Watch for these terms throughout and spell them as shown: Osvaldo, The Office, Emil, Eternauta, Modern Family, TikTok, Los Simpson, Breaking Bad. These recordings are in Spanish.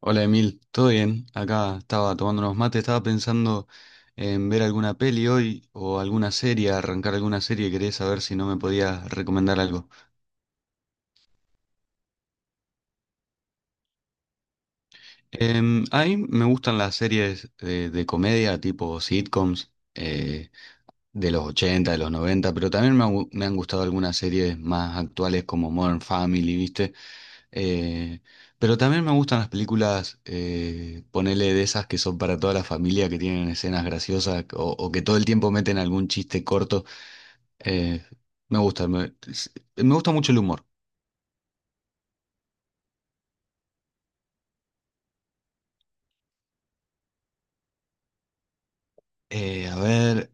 Hola Emil, ¿todo bien? Acá estaba tomando unos mates, estaba pensando en ver alguna peli hoy o alguna serie, arrancar alguna serie, quería saber si no me podías recomendar algo. A mí me gustan las series de, comedia, tipo sitcoms, de los 80, de los 90, pero también me, me han gustado algunas series más actuales como Modern Family, ¿viste? Eh, pero también me gustan las películas, ponele de esas que son para toda la familia, que tienen escenas graciosas o que todo el tiempo meten algún chiste corto. Eh, me gusta, me, Me gusta mucho el humor. A ver,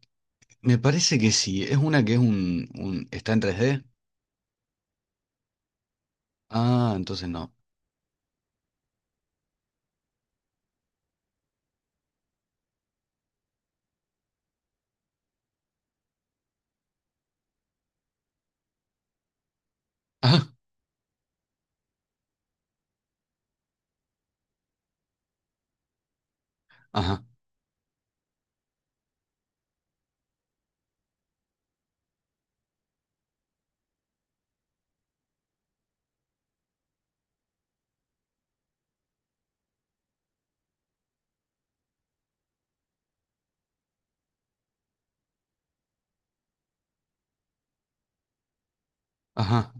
me parece que sí. Es una que es está en 3D. Ah, entonces no. Ajá, ajá, ajá.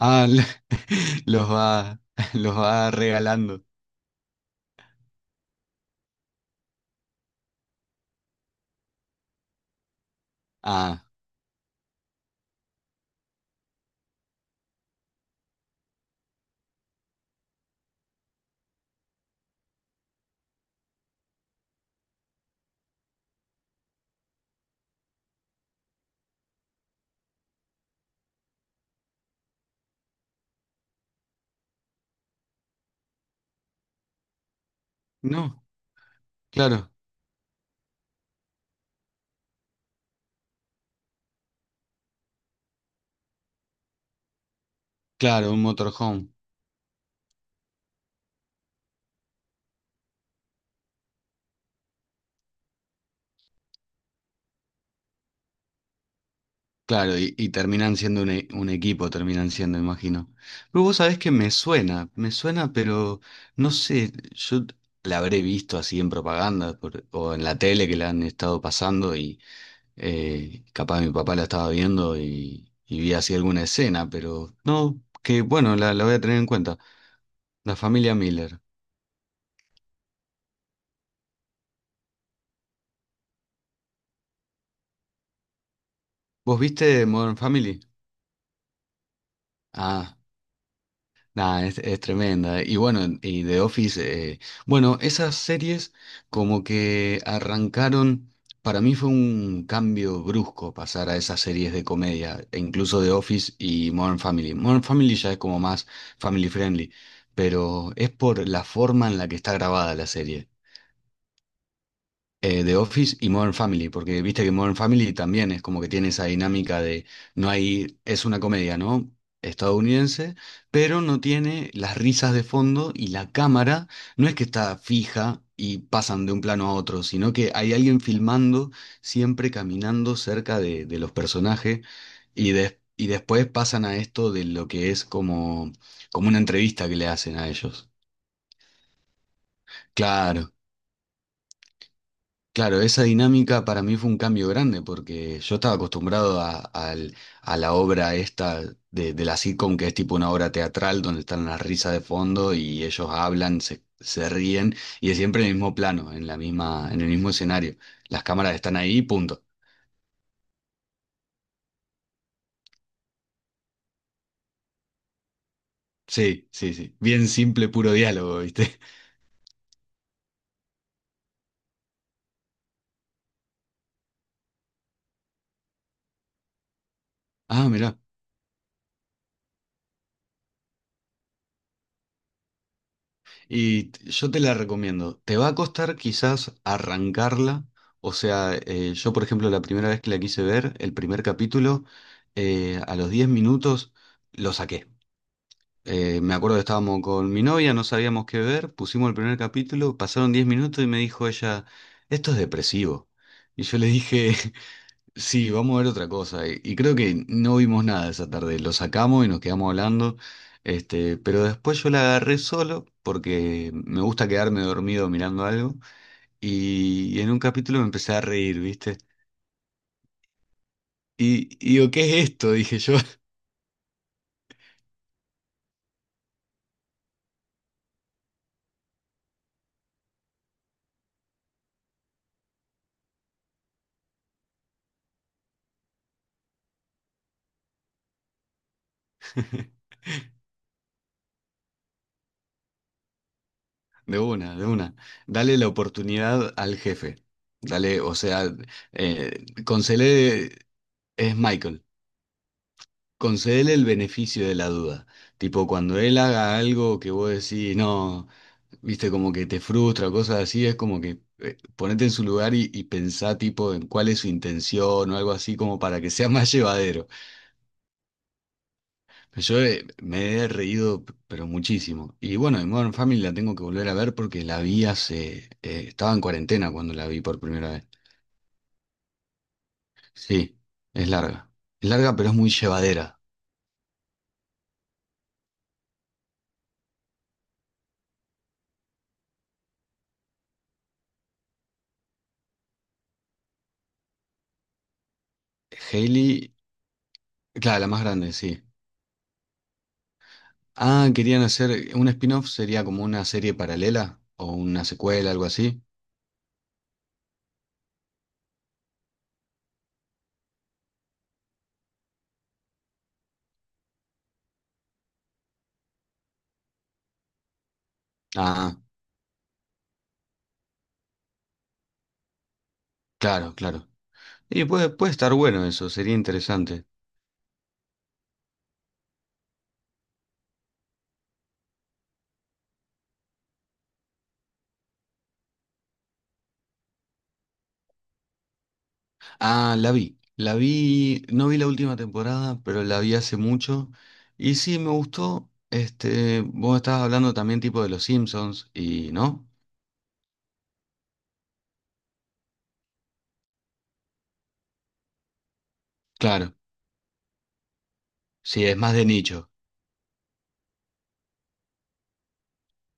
Ah, le- los va, los va regalando. Ah, no, claro, claro, un motorhome. Claro, y terminan siendo un equipo, terminan siendo, imagino. Pero vos sabés que me suena, pero no sé, yo la habré visto así en o en la tele que la han estado pasando y capaz mi papá la estaba viendo y vi así alguna escena, pero no, que bueno, la voy a tener en cuenta. La familia Miller. ¿Vos viste Modern Family? Ah. Nah, es tremenda. Y bueno, y The Office, bueno, esas series como que arrancaron, para mí fue un cambio brusco pasar a esas series de comedia, e incluso The Office y Modern Family. Modern Family ya es como más family friendly, pero es por la forma en la que está grabada la serie The Office y Modern Family, porque viste que Modern Family también es como que tiene esa dinámica de no hay, es una comedia, ¿no? Estadounidense, pero no tiene las risas de fondo y la cámara no es que está fija y pasan de un plano a otro, sino que hay alguien filmando siempre caminando cerca de los personajes y después pasan a esto de lo que es como, como una entrevista que le hacen a ellos. Claro. Claro, esa dinámica para mí fue un cambio grande porque yo estaba acostumbrado a la obra esta de la sitcom, que es tipo una obra teatral donde están las risas de fondo y ellos hablan, se ríen y es siempre en el mismo plano, en la misma, en el mismo escenario. Las cámaras están ahí, punto. Sí, sí, sí. Bien simple, puro diálogo, ¿viste? Ah, mirá. Yo te la recomiendo. Te va a costar quizás arrancarla. O sea, yo por ejemplo la primera vez que la quise ver, el primer capítulo, a los 10 minutos lo saqué. Me acuerdo que estábamos con mi novia, no sabíamos qué ver, pusimos el primer capítulo, pasaron 10 minutos y me dijo ella, esto es depresivo. Y yo le dije, sí, vamos a ver otra cosa. Y creo que no vimos nada esa tarde. Lo sacamos y nos quedamos hablando. Este, pero después yo la agarré solo porque me gusta quedarme dormido mirando algo. Y en un capítulo me empecé a reír, ¿viste? Y digo, ¿qué es esto? Dije yo. De una, de una. Dale la oportunidad al jefe. Dale, o sea, con Cele es Michael. Concédele el beneficio de la duda. Tipo, cuando él haga algo que vos decís, no, viste, como que te frustra cosas así, es como que ponete en su lugar y pensá, tipo, en cuál es su intención o algo así, como para que sea más llevadero. Yo me he reído, p- pero muchísimo. Y bueno, de Modern Family la tengo que volver a ver porque la vi hace. Estaba en cuarentena cuando la vi por primera vez. Sí, es larga. Es larga, pero es muy llevadera. Hailey, claro, la más grande, sí. Ah, querían hacer un spin-off, sería como una serie paralela o una secuela, algo así. Ah, claro, claro. Y puede, puede estar bueno eso, sería interesante. Ah, la vi. La vi, no vi la última temporada, pero la vi hace mucho. Y sí, me gustó. Este, vos estabas hablando también tipo de los Simpsons ¿no? Claro, sí, es más de nicho.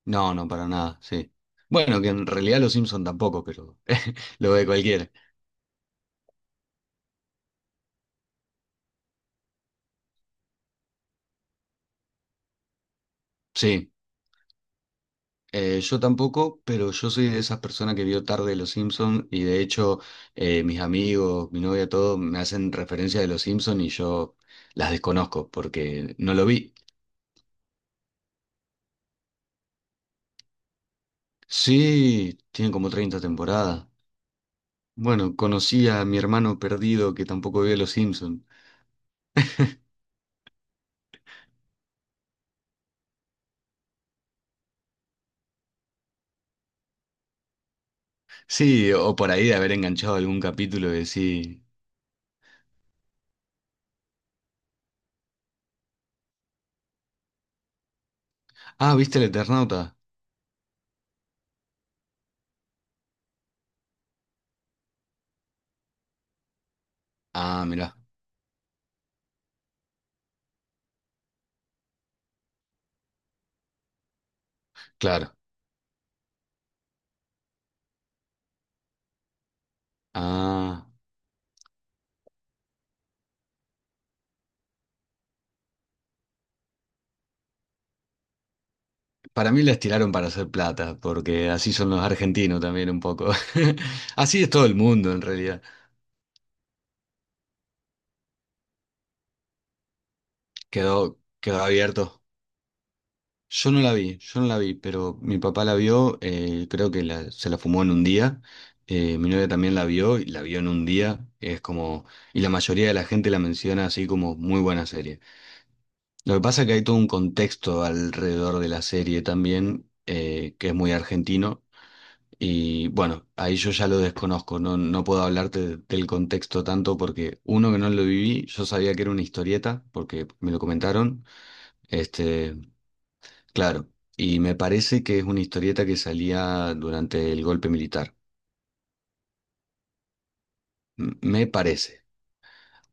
No, no, para nada, sí. Bueno, que en realidad los Simpsons tampoco, pero lo ve cualquiera. Sí. Yo tampoco, pero yo soy de esas personas que vio tarde Los Simpson y de hecho mis amigos, mi novia, todo me hacen referencia de Los Simpson y yo las desconozco porque no lo vi. Sí, tiene como 30 temporadas. Bueno, conocí a mi hermano perdido que tampoco vio Los Simpson. Sí, o por ahí de haber enganchado algún capítulo y decir, ah, ¿viste el Eternauta? Ah, mirá, claro. Ah. Para mí la estiraron para hacer plata, porque así son los argentinos también un poco. Así es todo el mundo en realidad. Quedó, quedó abierto. Yo no la vi, yo no la vi, pero mi papá la vio, creo que se la fumó en un día. Mi novia también la vio y la vio en un día. Es como, y la mayoría de la gente la menciona así como muy buena serie. Lo que pasa es que hay todo un contexto alrededor de la serie también, que es muy argentino. Y bueno, ahí yo ya lo desconozco, no, no puedo hablarte del contexto tanto porque uno que no lo viví, yo sabía que era una historieta porque me lo comentaron, este, claro, y me parece que es una historieta que salía durante el golpe militar, me parece,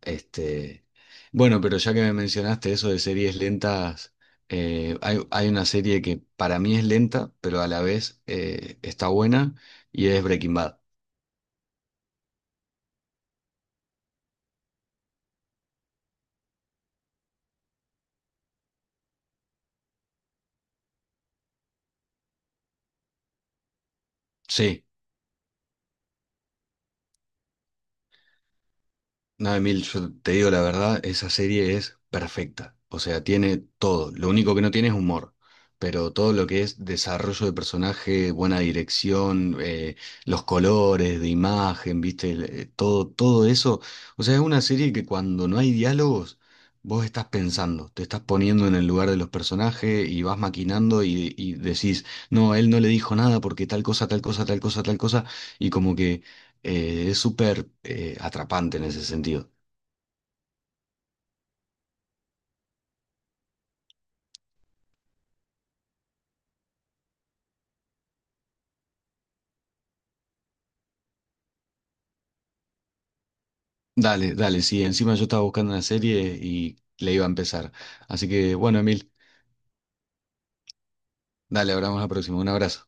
este, bueno, pero ya que me mencionaste eso de series lentas, hay una serie que para mí es lenta, pero a la vez está buena y es Breaking Bad. Sí. No, Emil, yo te digo la verdad, esa serie es perfecta. O sea, tiene todo. Lo único que no tiene es humor. Pero todo lo que es desarrollo de personaje, buena dirección, los colores de imagen, viste, todo, todo eso. O sea, es una serie que cuando no hay diálogos, vos estás pensando, te estás poniendo en el lugar de los personajes y vas maquinando y decís, no, él no le dijo nada porque tal cosa, tal cosa, tal cosa, tal cosa. Y como que es súper atrapante en ese sentido. Dale, dale, sí, encima yo estaba buscando una serie y le iba a empezar. Así que bueno, Emil, dale, hablamos la próxima. Un abrazo.